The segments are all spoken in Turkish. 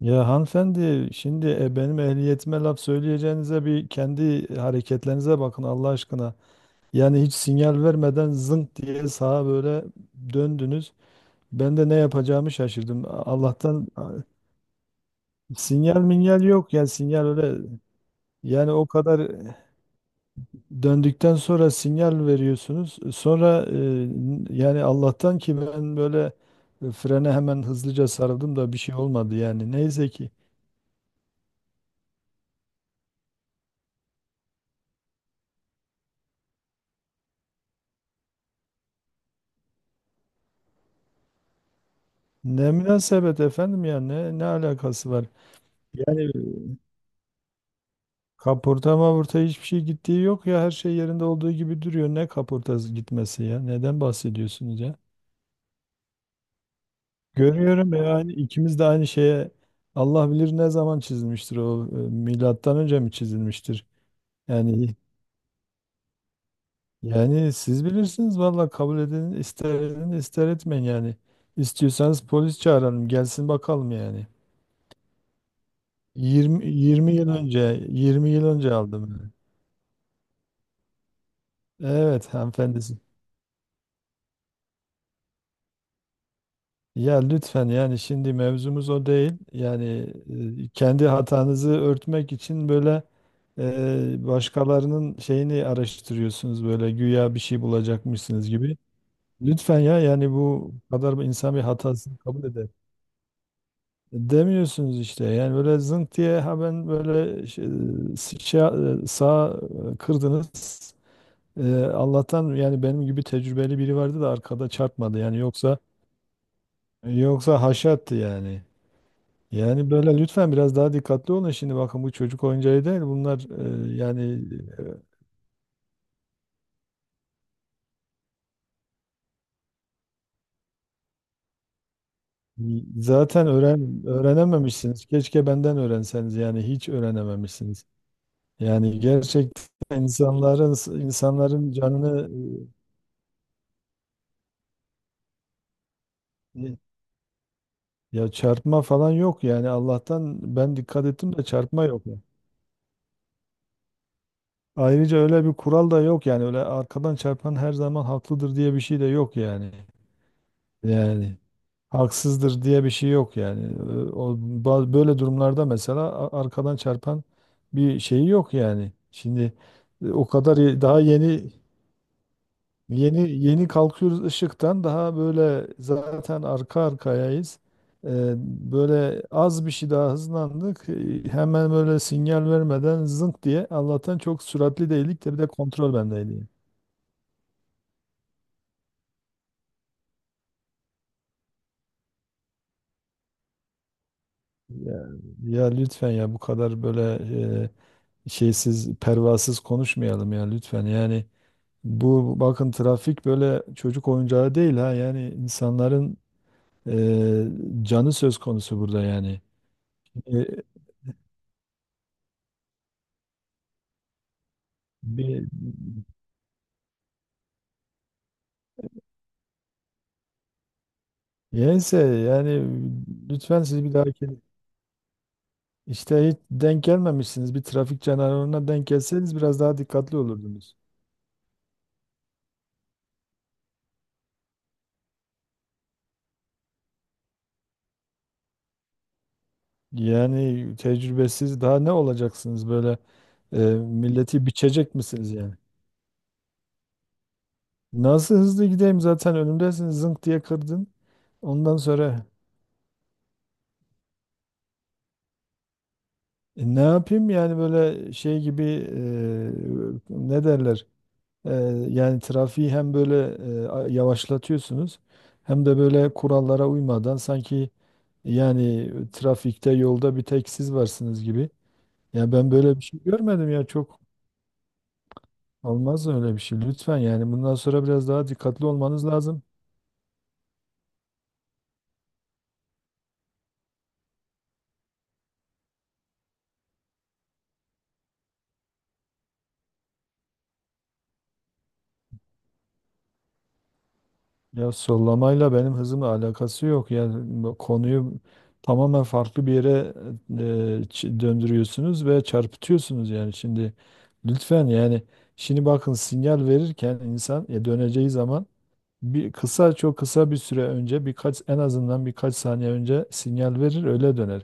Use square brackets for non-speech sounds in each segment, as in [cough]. Ya hanımefendi şimdi benim ehliyetime laf söyleyeceğinize bir kendi hareketlerinize bakın Allah aşkına. Yani hiç sinyal vermeden zınk diye sağa böyle döndünüz. Ben de ne yapacağımı şaşırdım. Sinyal minyal yok ya sinyal öyle yani o kadar döndükten sonra sinyal veriyorsunuz. Sonra yani Allah'tan ki ben böyle frene hemen hızlıca sarıldım da bir şey olmadı yani. Neyse ki. Ne münasebet efendim ya ne ne alakası var? Yani kaporta mavurta hiçbir şey gittiği yok ya her şey yerinde olduğu gibi duruyor. Ne kaportası gitmesi ya? Neden bahsediyorsunuz ya? Görüyorum ya aynı ikimiz de aynı şeye Allah bilir ne zaman çizilmiştir o milattan önce mi çizilmiştir? Yani yani siz bilirsiniz valla kabul edin ister edin ister etmeyin yani. İstiyorsanız polis çağıralım gelsin bakalım yani. 20 20 yıl önce 20 yıl önce aldım, yani. Evet hanımefendisi. Ya lütfen yani şimdi mevzumuz o değil. Yani kendi hatanızı örtmek için böyle başkalarının şeyini araştırıyorsunuz böyle güya bir şey bulacakmışsınız gibi. Lütfen ya yani bu kadar insan bir hatasını kabul eder. Demiyorsunuz işte yani böyle zınk diye ha ben böyle sağa kırdınız. Allah'tan yani benim gibi tecrübeli biri vardı da arkada çarpmadı yani yoksa yoksa haşat yani. Yani böyle lütfen biraz daha dikkatli olun. Şimdi bakın bu çocuk oyuncağı değil. Bunlar e, yani e, zaten öğrenememişsiniz. Keşke benden öğrenseniz. Yani hiç öğrenememişsiniz. Yani gerçekten insanların canını e, ya çarpma falan yok yani. Allah'tan ben dikkat ettim de çarpma yok. Ayrıca öyle bir kural da yok yani. Öyle arkadan çarpan her zaman haklıdır diye bir şey de yok yani. Yani haksızdır diye bir şey yok yani. Böyle durumlarda mesela arkadan çarpan bir şeyi yok yani. Şimdi o kadar daha yeni kalkıyoruz ışıktan daha böyle zaten arka arkayayız. Ee, Böyle az bir şey daha hızlandık. Hemen böyle sinyal vermeden zınk diye Allah'tan çok süratli değildik de bir de kontrol bendeydi, yani. Ya, ya lütfen ya bu kadar böyle e, şeysiz, pervasız konuşmayalım ya lütfen. Yani bu bakın trafik böyle çocuk oyuncağı değil ha. Yani insanların canı söz konusu burada yani. E, bir, yense yani lütfen siz bir dahaki işte hiç denk gelmemişsiniz. Bir trafik canavarına denk gelseniz biraz daha dikkatli olurdunuz. Yani tecrübesiz daha ne olacaksınız böyle milleti biçecek misiniz yani? Nasıl hızlı gideyim zaten önümdesin zınk diye kırdın. Ondan sonra ne yapayım yani böyle şey gibi e, ne derler? E, yani trafiği hem böyle yavaşlatıyorsunuz hem de böyle kurallara uymadan sanki yani trafikte yolda bir tek siz varsınız gibi. Ya ben böyle bir şey görmedim ya çok olmaz öyle bir şey. Lütfen yani bundan sonra biraz daha dikkatli olmanız lazım. Ya sollamayla benim hızımla alakası yok. Yani bu konuyu tamamen farklı bir yere e, döndürüyorsunuz ve çarpıtıyorsunuz yani şimdi lütfen yani şimdi bakın sinyal verirken insan döneceği zaman bir kısa çok kısa bir süre önce birkaç en azından birkaç saniye önce sinyal verir öyle döner.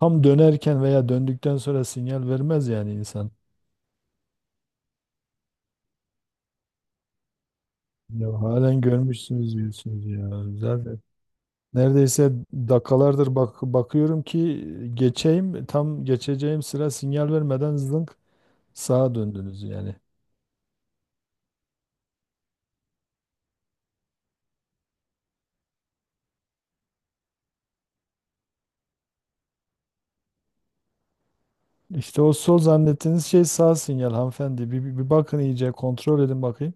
Tam dönerken veya döndükten sonra sinyal vermez yani insan. Ya halen görmüşsünüz diyorsunuz ya. Zaten neredeyse dakikalardır bak bakıyorum ki geçeyim tam geçeceğim sıra sinyal vermeden zınk sağa döndünüz yani. İşte o sol zannettiğiniz şey sağ sinyal hanımefendi. Bir bakın iyice kontrol edin bakayım.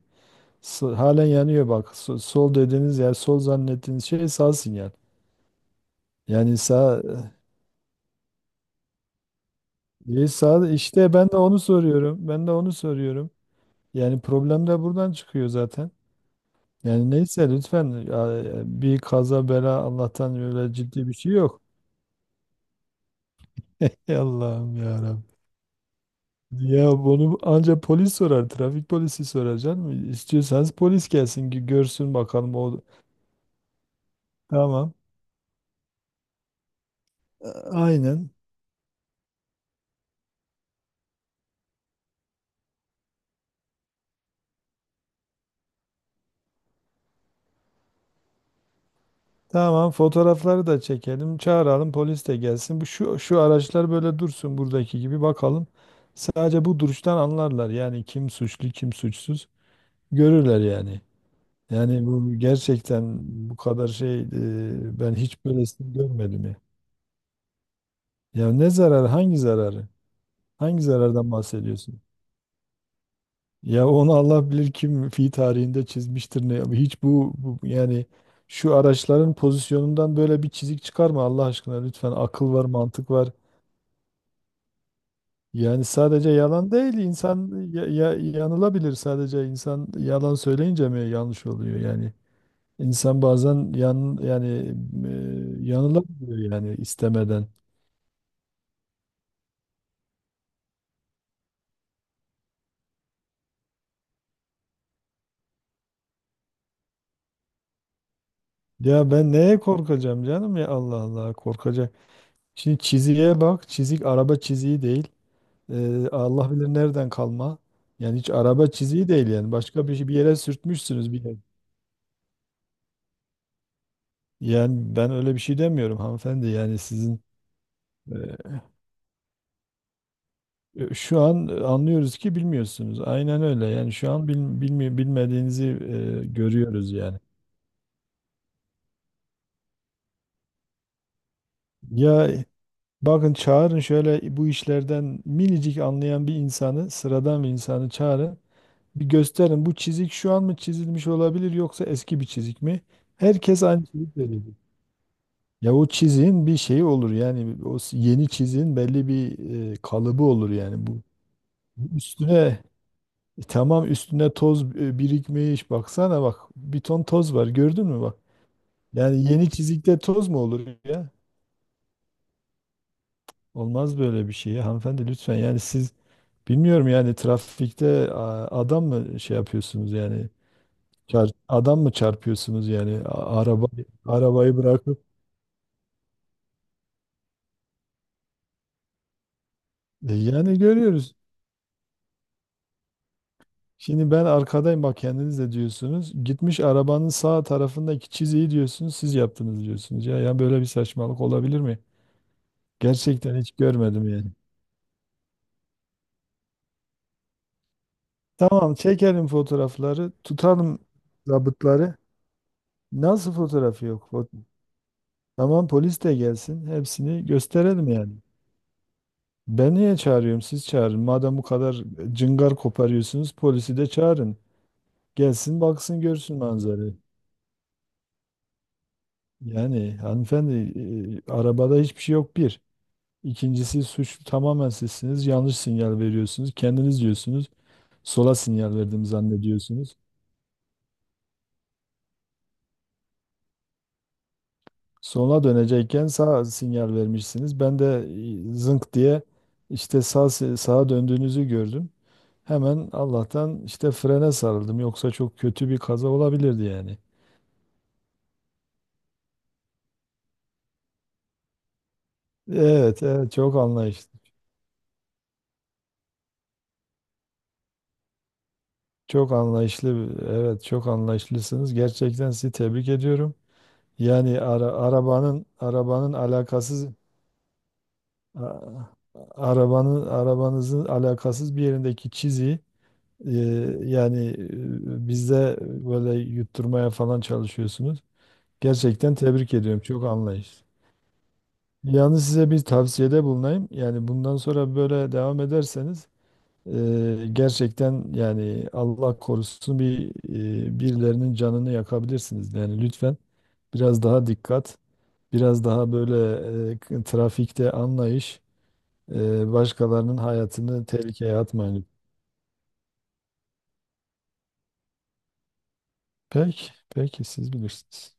Halen yanıyor bak. Sol dediğiniz yer sol zannettiğiniz şey sağ sinyal. Yani sağ sağ işte ben de onu soruyorum. Ben de onu soruyorum. Yani problem de buradan çıkıyor zaten. Yani neyse lütfen ya, bir kaza bela Allah'tan öyle ciddi bir şey yok. [laughs] Allah'ım ya Rabbi. Ya bunu ancak polis sorar. Trafik polisi sorar canım. İstiyorsanız polis gelsin ki görsün bakalım o. Tamam. Aynen. Tamam fotoğrafları da çekelim. Çağıralım polis de gelsin. Bu şu şu araçlar böyle dursun buradaki gibi bakalım. Sadece bu duruştan anlarlar. Yani kim suçlu kim suçsuz görürler yani. Yani bu gerçekten bu kadar şey ben hiç böylesini görmedim ya. Ya ne zararı hangi zararı? Hangi zarardan bahsediyorsun? Ya onu Allah bilir kim fi tarihinde çizmiştir ne. Hiç yani şu araçların pozisyonundan böyle bir çizik çıkarma Allah aşkına lütfen. Akıl var, mantık var. Yani sadece yalan değil insan ya, yanılabilir sadece insan yalan söyleyince mi yanlış oluyor yani. İnsan bazen yanılabiliyor yani istemeden. Ya ben neye korkacağım canım ya Allah Allah korkacak. Şimdi çiziğe bak çizik araba çiziği değil. Allah bilir nereden kalma. Yani hiç araba çiziği değil yani. Bir yere sürtmüşsünüz bir yer. Yani ben öyle bir şey demiyorum hanımefendi. Yani sizin şu an anlıyoruz ki bilmiyorsunuz. Aynen öyle. Yani şu an bilmediğinizi görüyoruz yani. Ya bakın çağırın şöyle bu işlerden minicik anlayan bir insanı, sıradan bir insanı çağırın. Bir gösterin bu çizik şu an mı çizilmiş olabilir yoksa eski bir çizik mi? Herkes aynı çizik veriyor. Ya o çizin bir şeyi olur yani yeni çizin belli bir kalıbı olur yani bu üstüne tamam üstüne toz birikmiş baksana bak bir ton toz var gördün mü bak yani yeni çizikte toz mu olur ya olmaz böyle bir şey ya hanımefendi lütfen yani siz bilmiyorum yani trafikte adam mı şey yapıyorsunuz yani adam mı çarpıyorsunuz yani araba arabayı bırakıp E, yani görüyoruz şimdi ben arkadayım bak kendiniz de diyorsunuz. Gitmiş arabanın sağ tarafındaki çiziyi diyorsunuz siz yaptınız diyorsunuz. Ya böyle bir saçmalık olabilir mi? Gerçekten hiç görmedim yani. Tamam çekelim fotoğrafları tutalım zabıtları. Nasıl fotoğrafı yok? Tamam polis de gelsin hepsini gösterelim yani. Ben niye çağırıyorum siz çağırın. Madem bu kadar cıngar koparıyorsunuz polisi de çağırın. Gelsin baksın görsün manzarayı. Yani hanımefendi arabada hiçbir şey yok bir. İkincisi suçlu tamamen sizsiniz. Yanlış sinyal veriyorsunuz. Kendiniz diyorsunuz. Sola sinyal verdim zannediyorsunuz. Sola dönecekken sağ sinyal vermişsiniz. Ben de zınk diye işte sağa döndüğünüzü gördüm. Hemen Allah'tan işte frene sarıldım. Yoksa çok kötü bir kaza olabilirdi yani. Evet, evet çok anlayışlı. Çok anlayışlı. Evet, çok anlayışlısınız. Gerçekten sizi tebrik ediyorum. Yani ara- arabanın arabanın alakasız A- Arabanın arabanızın alakasız bir yerindeki çizi e, bizde böyle yutturmaya falan çalışıyorsunuz. Gerçekten tebrik ediyorum. Çok anlayış. Yalnız size bir tavsiyede bulunayım. Yani bundan sonra böyle devam ederseniz gerçekten yani Allah korusun birilerinin canını yakabilirsiniz. Yani lütfen biraz daha dikkat, biraz daha böyle trafikte anlayış. Başkalarının hayatını tehlikeye atmayın. Peki, peki siz bilirsiniz.